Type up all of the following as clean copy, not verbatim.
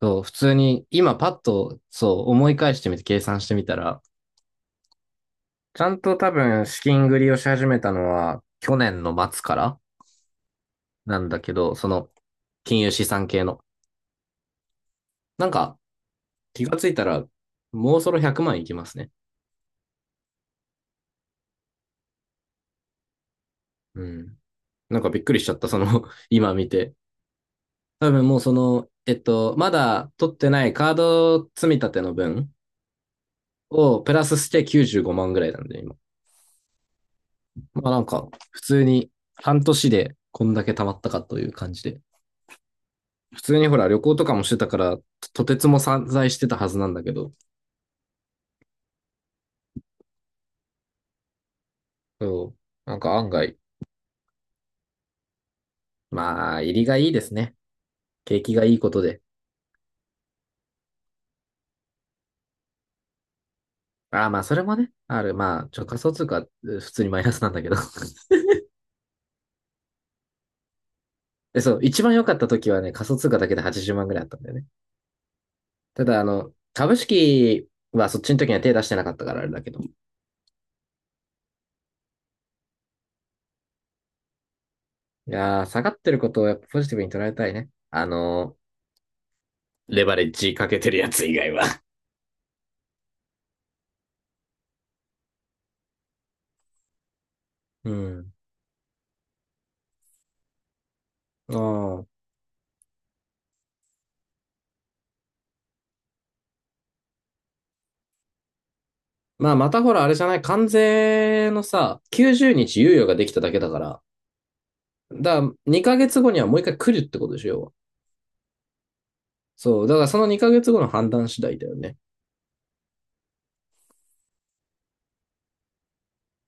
そう、普通に、今パッと、そう、思い返してみて計算してみたら、ちゃんと多分資金繰りをし始めたのは、去年の末からなんだけど、金融資産系の。なんか、気がついたら、もうそろ100万いきますね。うん。なんかびっくりしちゃった、今見て。多分もうまだ取ってないカード積み立ての分をプラスして95万ぐらいなんで、今。まあなんか、普通に半年でこんだけ貯まったかという感じで。普通にほら旅行とかもしてたから、とてつも散在してたはずなんだけど、そうなんか案外、まあ、入りがいいですね。景気がいいことで。ああ、まあ、それもね、ある。仮想通貨、え普通にマイナスなんだけど。で、そう、一番良かった時はね、仮想通貨だけで80万ぐらいあったんだよね。ただ、株式はそっちの時には手出してなかったからあれだけど。いやー、下がってることをやっぱポジティブに捉えたいね。レバレッジかけてるやつ以外は。うん。ああ。まあ、またほら、あれじゃない、関税のさ、90日猶予ができただけだから、だから2ヶ月後にはもう一回来るってことでしょ、要は。そう、だからその2ヶ月後の判断次第だよね。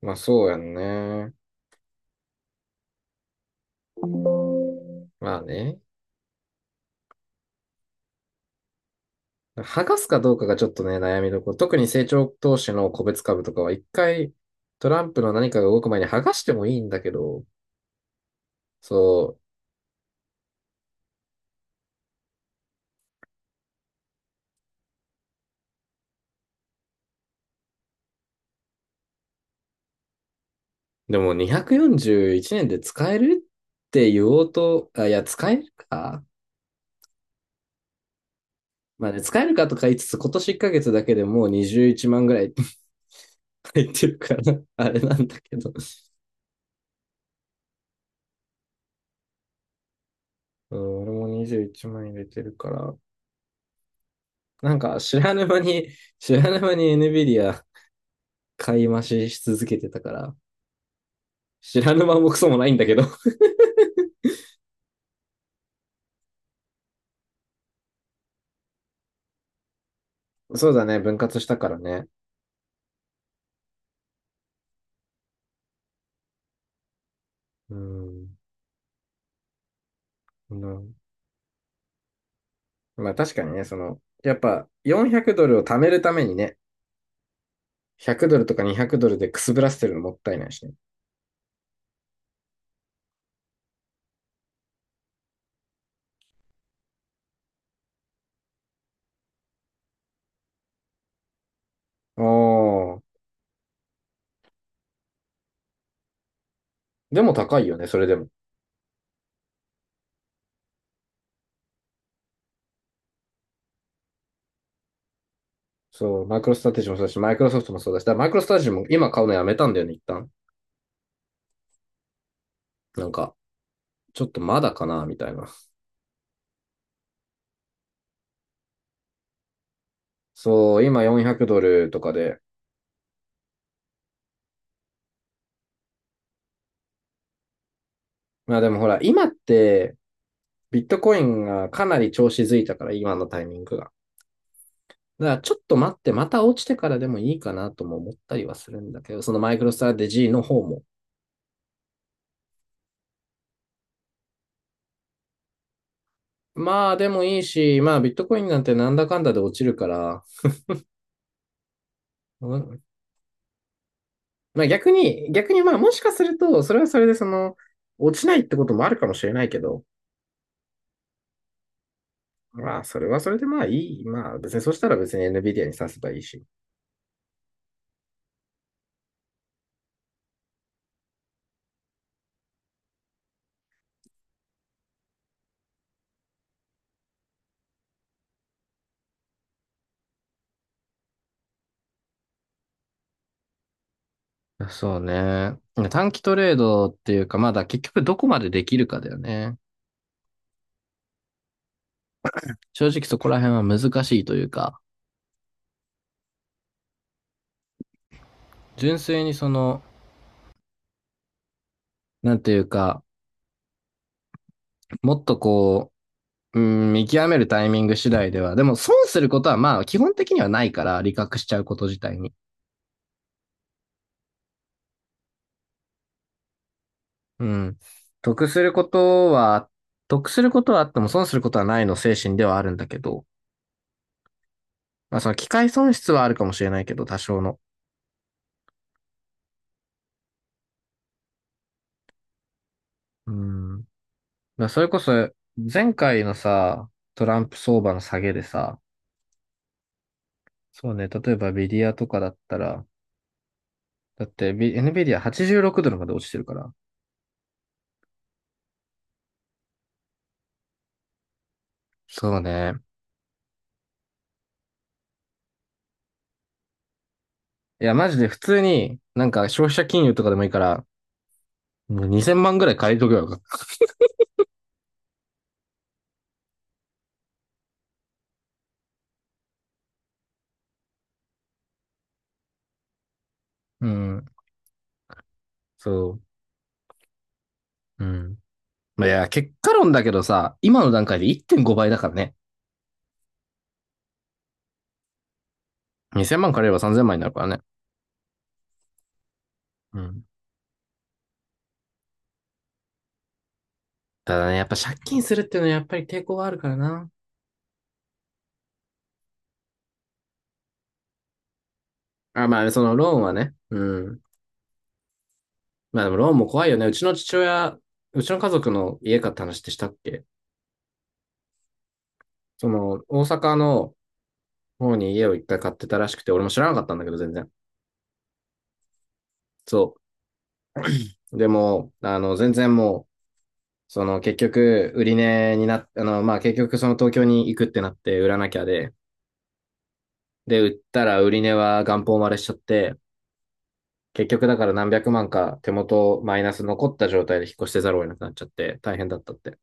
まあ、そうやんね。まあね。剥がすかどうかがちょっとね、悩みどころ。特に成長投資の個別株とかは一回、トランプの何かが動く前に剥がしてもいいんだけど、そう、でも241年で使えるって言おうと、あ、いや、使えるかまあね、使えるかとか言いつつ、今年1ヶ月だけでもう21万ぐらい 入ってるから、あれなんだけど。うん、俺も21万入れてるから。なんか、知らぬ間に NVIDIA 買い増しし続けてたから、知らぬ間もクソもないんだけど そうだね、分割したからね。うん。うん、まあ確かにね、その、やっぱ400ドルを貯めるためにね、100ドルとか200ドルでくすぶらせてるのもったいないしね。ああ、でも高いよね、それでも。そう、マイクロストラテジーもそうだし、マイクロソフトもそうだし、だからマイクロストラテジーも今買うのやめたんだよね、一旦。なんか、ちょっとまだかな、みたいな。そう、今400ドルとかで。まあでもほら、今って、ビットコインがかなり調子づいたから、今のタイミングが。だからちょっと待って、また落ちてからでもいいかなとも思ったりはするんだけど、そのマイクロストラテジーの方も。まあでもいいし、まあビットコインなんてなんだかんだで落ちるから、うんまあ逆にまあもしかすると、それはそれで落ちないってこともあるかもしれないけど、まあそれはそれでまあいい。まあ別にそしたら別に NVIDIA に刺せばいいし。そうね。短期トレードっていうか、まだ結局どこまでできるかだよね。正直そこら辺は難しいというか、純粋にその、なんていうか、もっとこう、うん、見極めるタイミング次第では、でも損することはまあ基本的にはないから、利確しちゃうこと自体に。うん。得することは、得することはあっても損することはないの精神ではあるんだけど、まあその機会損失はあるかもしれないけど、多少の。うん。だからそれこそ、前回のさ、トランプ相場の下げでさ、そうね、例えばビディアとかだったら、だって、ビ NVIDIA86 ドルまで落ちてるから。そうね。いや、マジで普通に、なんか消費者金融とかでもいいから、もう2000万ぐらい借りとけばよかった。うん。そう。うん。いや、結果論だけどさ、今の段階で1.5倍だからね。2000万借りれば3000万になるからね。うん。ただね、やっぱ借金するっていうのはやっぱり抵抗があるからな。あ、まあ、そのローンはね。うん。まあでもローンも怖いよね。うちの父親、うちの家族の家買った話ってしたっけ？その、大阪の方に家を一回買ってたらしくて、俺も知らなかったんだけど、全然。そう。でも、全然もう、その結局、売り値になっあの、まあ結局その東京に行くってなって売らなきゃで、で、売ったら売り値は元本割れしちゃって、結局だから何百万か手元マイナス残った状態で引っ越してざるを得なくなっちゃって大変だったって。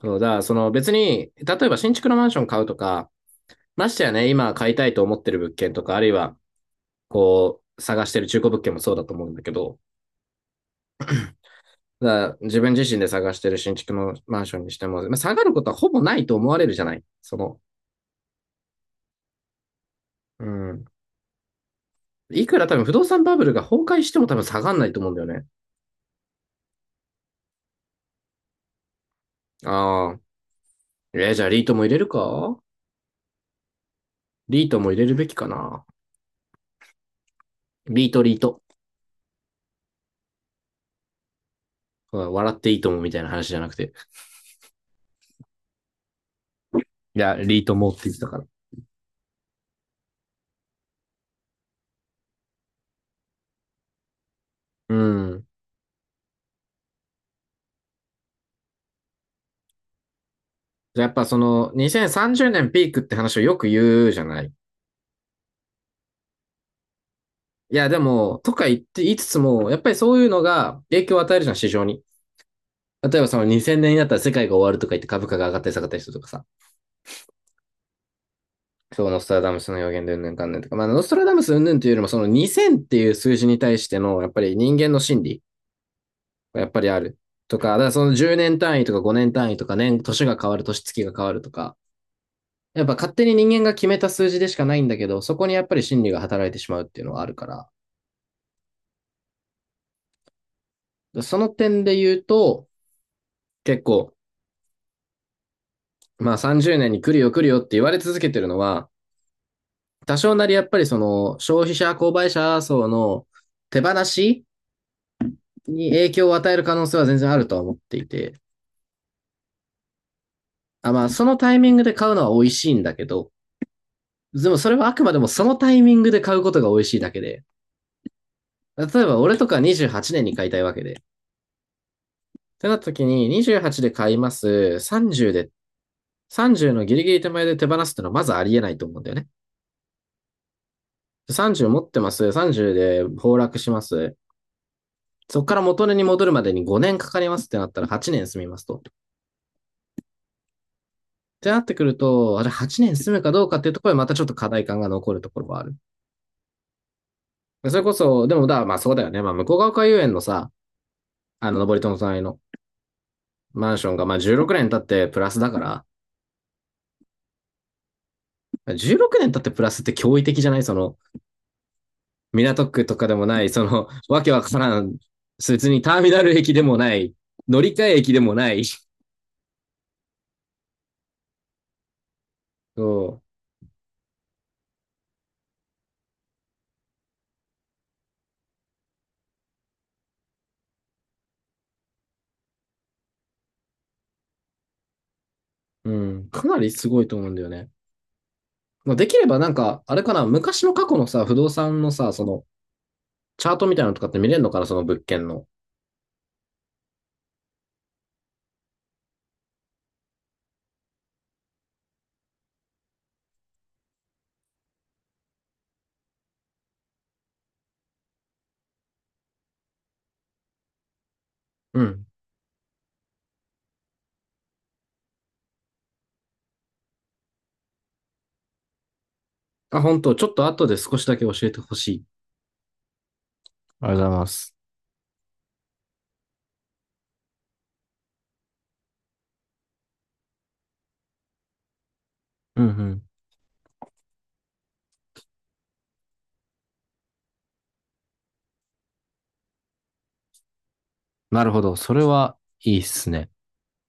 そうだ、その別に、例えば新築のマンション買うとか、ましてやね、今買いたいと思ってる物件とか、あるいはこう探してる中古物件もそうだと思うんだけど、だから自分自身で探してる新築のマンションにしても、まあ、下がることはほぼないと思われるじゃない。その、うん。いくら多分不動産バブルが崩壊しても多分下がんないと思うんだよね。ああ、えー、じゃあリートも入れるべきかな。リート、リート。笑っていいともみたいな話じゃなくて。いや、リートもって言ってたから。うん。やっぱその、2030年ピークって話をよく言うじゃない。いや、でも、とか言って言いつつも、やっぱりそういうのが影響を与えるじゃん、市場に。例えばその2000年になったら世界が終わるとか言って株価が上がったり下がったりするとかさ。そう、ノストラダムスの予言でうんぬんかんぬんとか。まあ、ノストラダムスうんぬんというよりも、その2000っていう数字に対しての、やっぱり人間の心理。やっぱりある。とか、だからその10年単位とか5年単位とか年が変わる、年月が変わるとか、やっぱ勝手に人間が決めた数字でしかないんだけど、そこにやっぱり心理が働いてしまうっていうのはあるから、その点で言うと、結構、まあ30年に来るよって言われ続けてるのは、多少なりやっぱりその消費者、購買者層の手放しに影響を与える可能性は全然あるとは思っていて、あまあそのタイミングで買うのは美味しいんだけど、でもそれはあくまでもそのタイミングで買うことが美味しいだけで、例えば、俺とか28年に買いたいわけで。ってなった時に、28で買います。30で、30のギリギリ手前で手放すってのはまずありえないと思うんだよね。30持ってます。30で崩落します。そこから元値に戻るまでに5年かかりますってなったら8年住みますと。ってなってくると、あれ8年住むかどうかっていうところでまたちょっと課題感が残るところはある。それこそ、でもだ、まあそうだよね。まあ向こう側海遊園のさ、あの、登戸の隣のマンションがまあ16年経ってプラスだから、16年経ってプラスって驚異的じゃないその、港区とかでもない、その、わけわからん、別にターミナル駅でもない、乗り換え駅でもない、そう、うん、かなりすごいと思うんだよね。まあ、できればなんか、あれかな、昔の過去のさ、不動産のさ、その、チャートみたいなのとかって見れるのかな、その物件の。うん。あ、本当ちょっと後で少しだけ教えてほしい。ありがとうございます。うんうん。なるほど。それはいいっすね。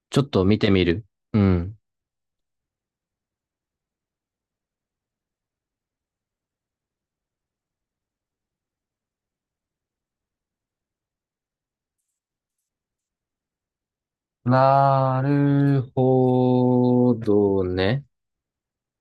ちょっと見てみる。うん。なるほどね。